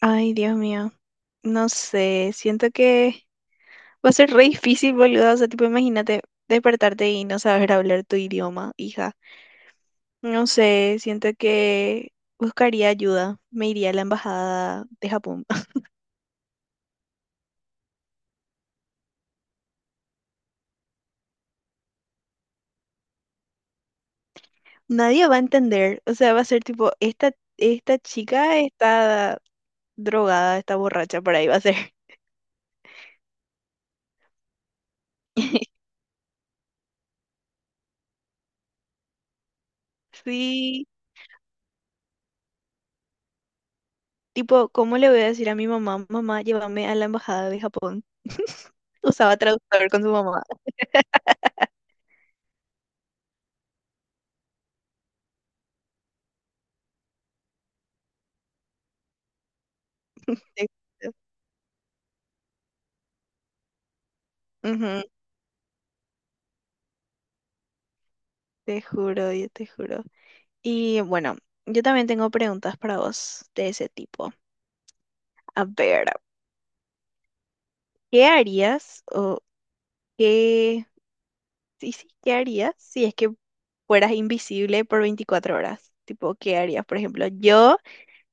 Ay, Dios mío, no sé, siento que va a ser re difícil, boludo. O sea, tipo, imagínate despertarte y no saber hablar tu idioma, hija. No sé, siento que buscaría ayuda, me iría a la embajada de Japón. Nadie va a entender, o sea, va a ser tipo, esta chica está drogada, está borracha, por ahí va a ser. Sí, tipo, ¿cómo le voy a decir a mi mamá, mamá, llévame a la embajada de Japón? Usaba traductor con su mamá. Ujú. Te juro, yo te juro. Y bueno, yo también tengo preguntas para vos de ese tipo. A ver, ¿qué harías o qué... Sí, sí, ¿qué harías si es que fueras invisible por 24 horas? Tipo, ¿qué harías? Por ejemplo, yo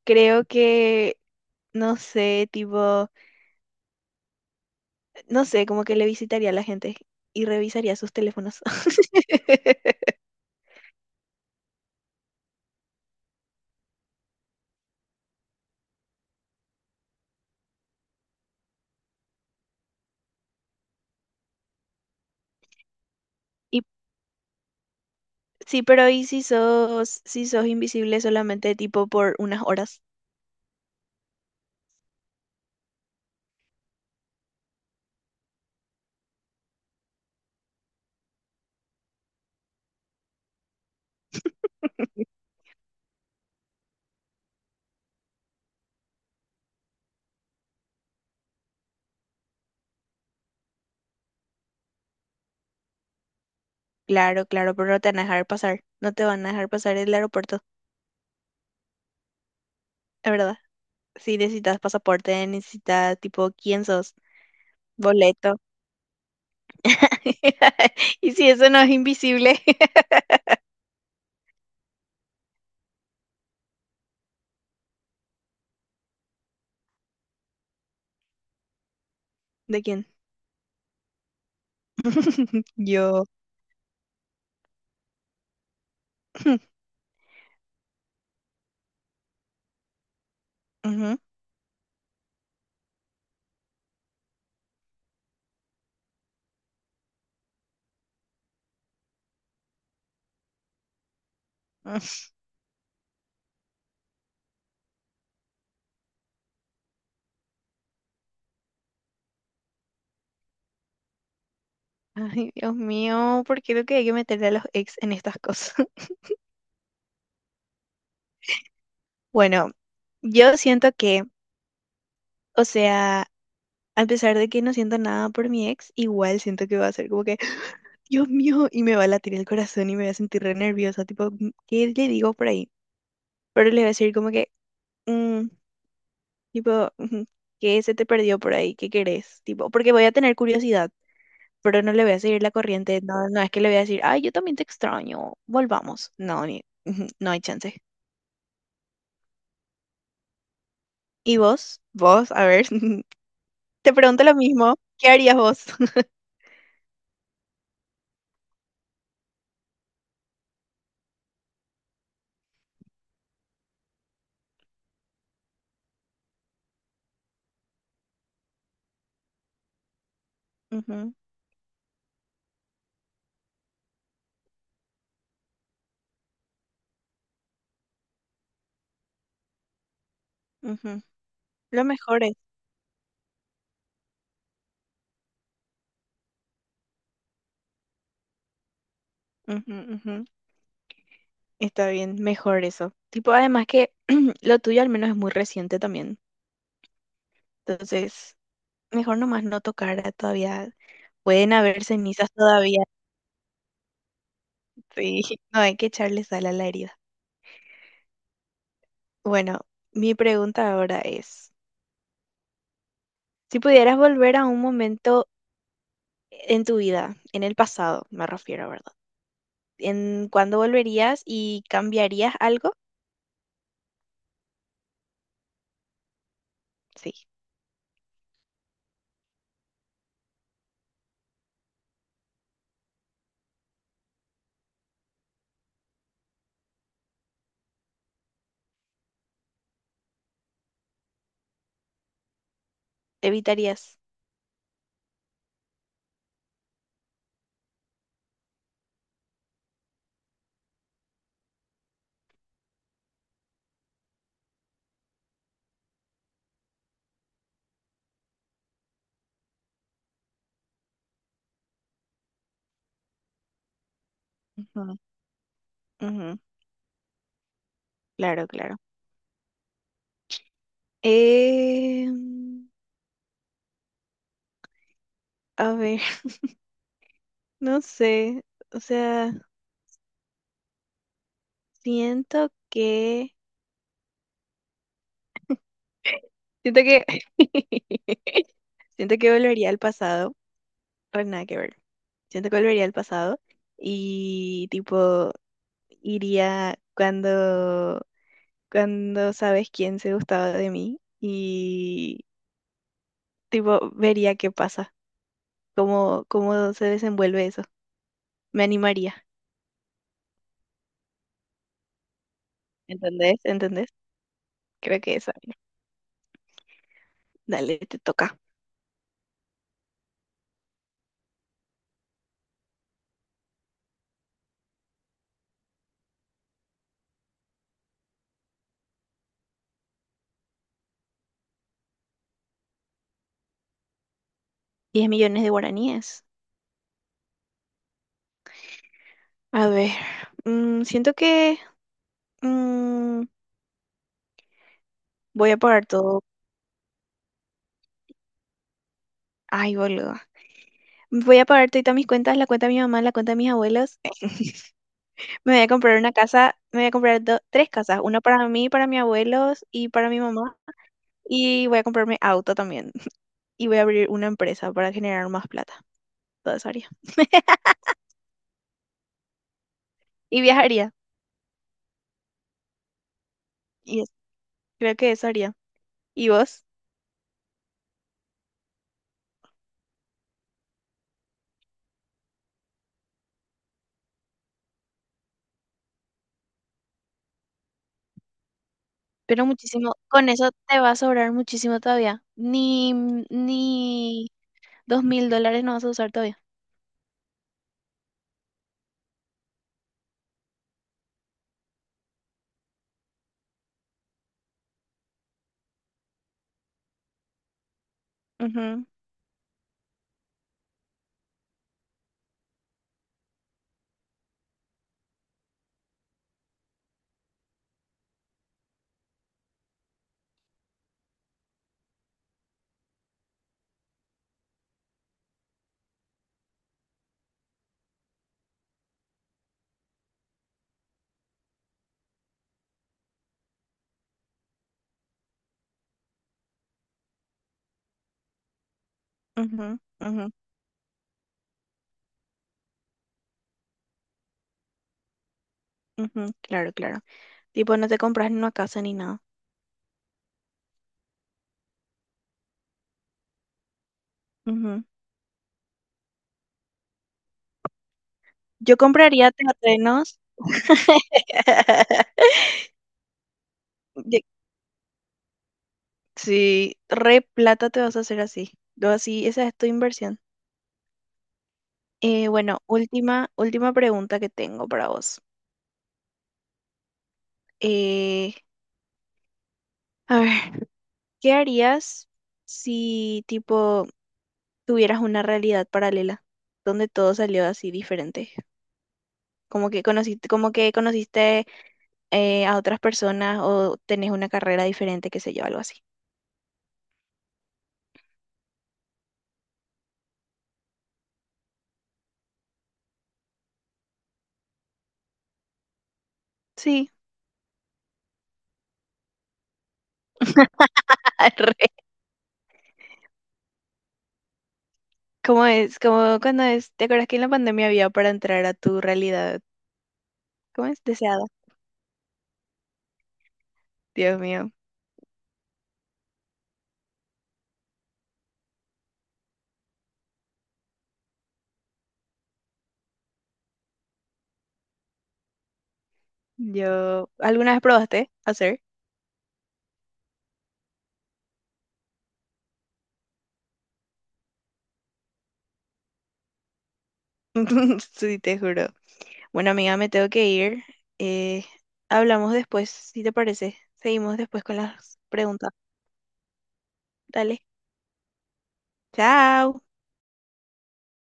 creo que, no sé, tipo, no sé, como que le visitaría a la gente y revisaría sus teléfonos. Y sí, pero ¿y si sos, si sos invisible solamente tipo por unas horas? Claro, claro, pero no te van a dejar pasar. No te van a dejar pasar el aeropuerto, es verdad. Si necesitas pasaporte, necesitas tipo, ¿quién sos? Boleto. Y si eso no es invisible, ¿de quién? Yo. Ujú. Ay, Dios mío, ¿por qué lo que hay que meterle a los ex en estas cosas? Bueno, yo siento que, o sea, a pesar de que no siento nada por mi ex, igual siento que va a ser como que, Dios mío, y me va a latir el corazón y me voy a sentir re nerviosa, tipo, "Mm, ¿qué le digo por ahí?". Pero le voy a decir como que, "Mm, tipo, ujú, ¿qué se te perdió por ahí? ¿Qué querés?". Tipo, porque voy a tener curiosidad, pero no le voy a seguir la corriente, no, no es que le voy a decir, ay, yo también te extraño, volvamos. No, ni, ujú, no hay chance. ¿Y vos? Vos, a ver, te pregunto lo mismo, ¿qué harías vos? Ujú, ujú. Lo mejor es. Ujú, ujú. Está bien, mejor eso. Tipo, además que lo tuyo al menos es muy reciente también. Entonces, mejor nomás no tocar todavía. Pueden haber cenizas todavía. Sí, no hay que echarle sal a la herida. Bueno, mi pregunta ahora es, si pudieras volver a un momento en tu vida, en el pasado, me refiero, ¿verdad? ¿En cuándo volverías y cambiarías algo? Sí. ¿Evitarías? Ujú, ujú, claro, claro. Eh, a ver, no sé. O sea, siento que... Siento que... Siento que volvería al pasado, pero nada que ver. Siento que volvería al pasado y tipo iría cuando sabes quién se gustaba de mí y tipo vería qué pasa, cómo se desenvuelve eso. Me animaría, ¿entendés? ¿Entendés? Creo que eso. Dale, te toca. 10 millones de guaraníes. A ver, mm, siento que mm, voy a pagar todo. Ay, boludo. Voy a pagar todas mis cuentas, la cuenta de mi mamá, la cuenta de mis abuelos. Me voy a comprar una casa, me voy a comprar tres casas, una para mí, para mis abuelos y para mi mamá. Y voy a comprarme auto también. Y voy a abrir una empresa para generar más plata. Todo eso haría. Y viajaría. Y es- Creo que eso haría. ¿Y vos? Pero muchísimo, con eso te va a sobrar muchísimo todavía. ni 2.000 dólares no vas a usar todavía. Ujú, ujú, ujú, ujú, claro, claro. Tipo, no te compras ni una casa ni nada. Ujú. Yo compraría terrenos. Yo sí, re plata te vas a hacer así. Lo así, esa es tu inversión. Bueno, última, última pregunta que tengo para vos. Eh, a ver, ¿qué harías si tipo tuvieras una realidad paralela donde todo salió así diferente? Como que conociste a otras personas o tenés una carrera diferente, qué sé yo, algo así. Sí, arre. ¿Cómo es? Como cuando es, ¿te acuerdas que en la pandemia había para entrar a tu realidad? ¿Cómo es? Deseada. Dios mío. Yo, ¿alguna vez probaste hacer? Sí, te juro. Bueno, amiga, me tengo que ir. Eh, hablamos después, si te parece. Seguimos después con las preguntas. Dale. Chao.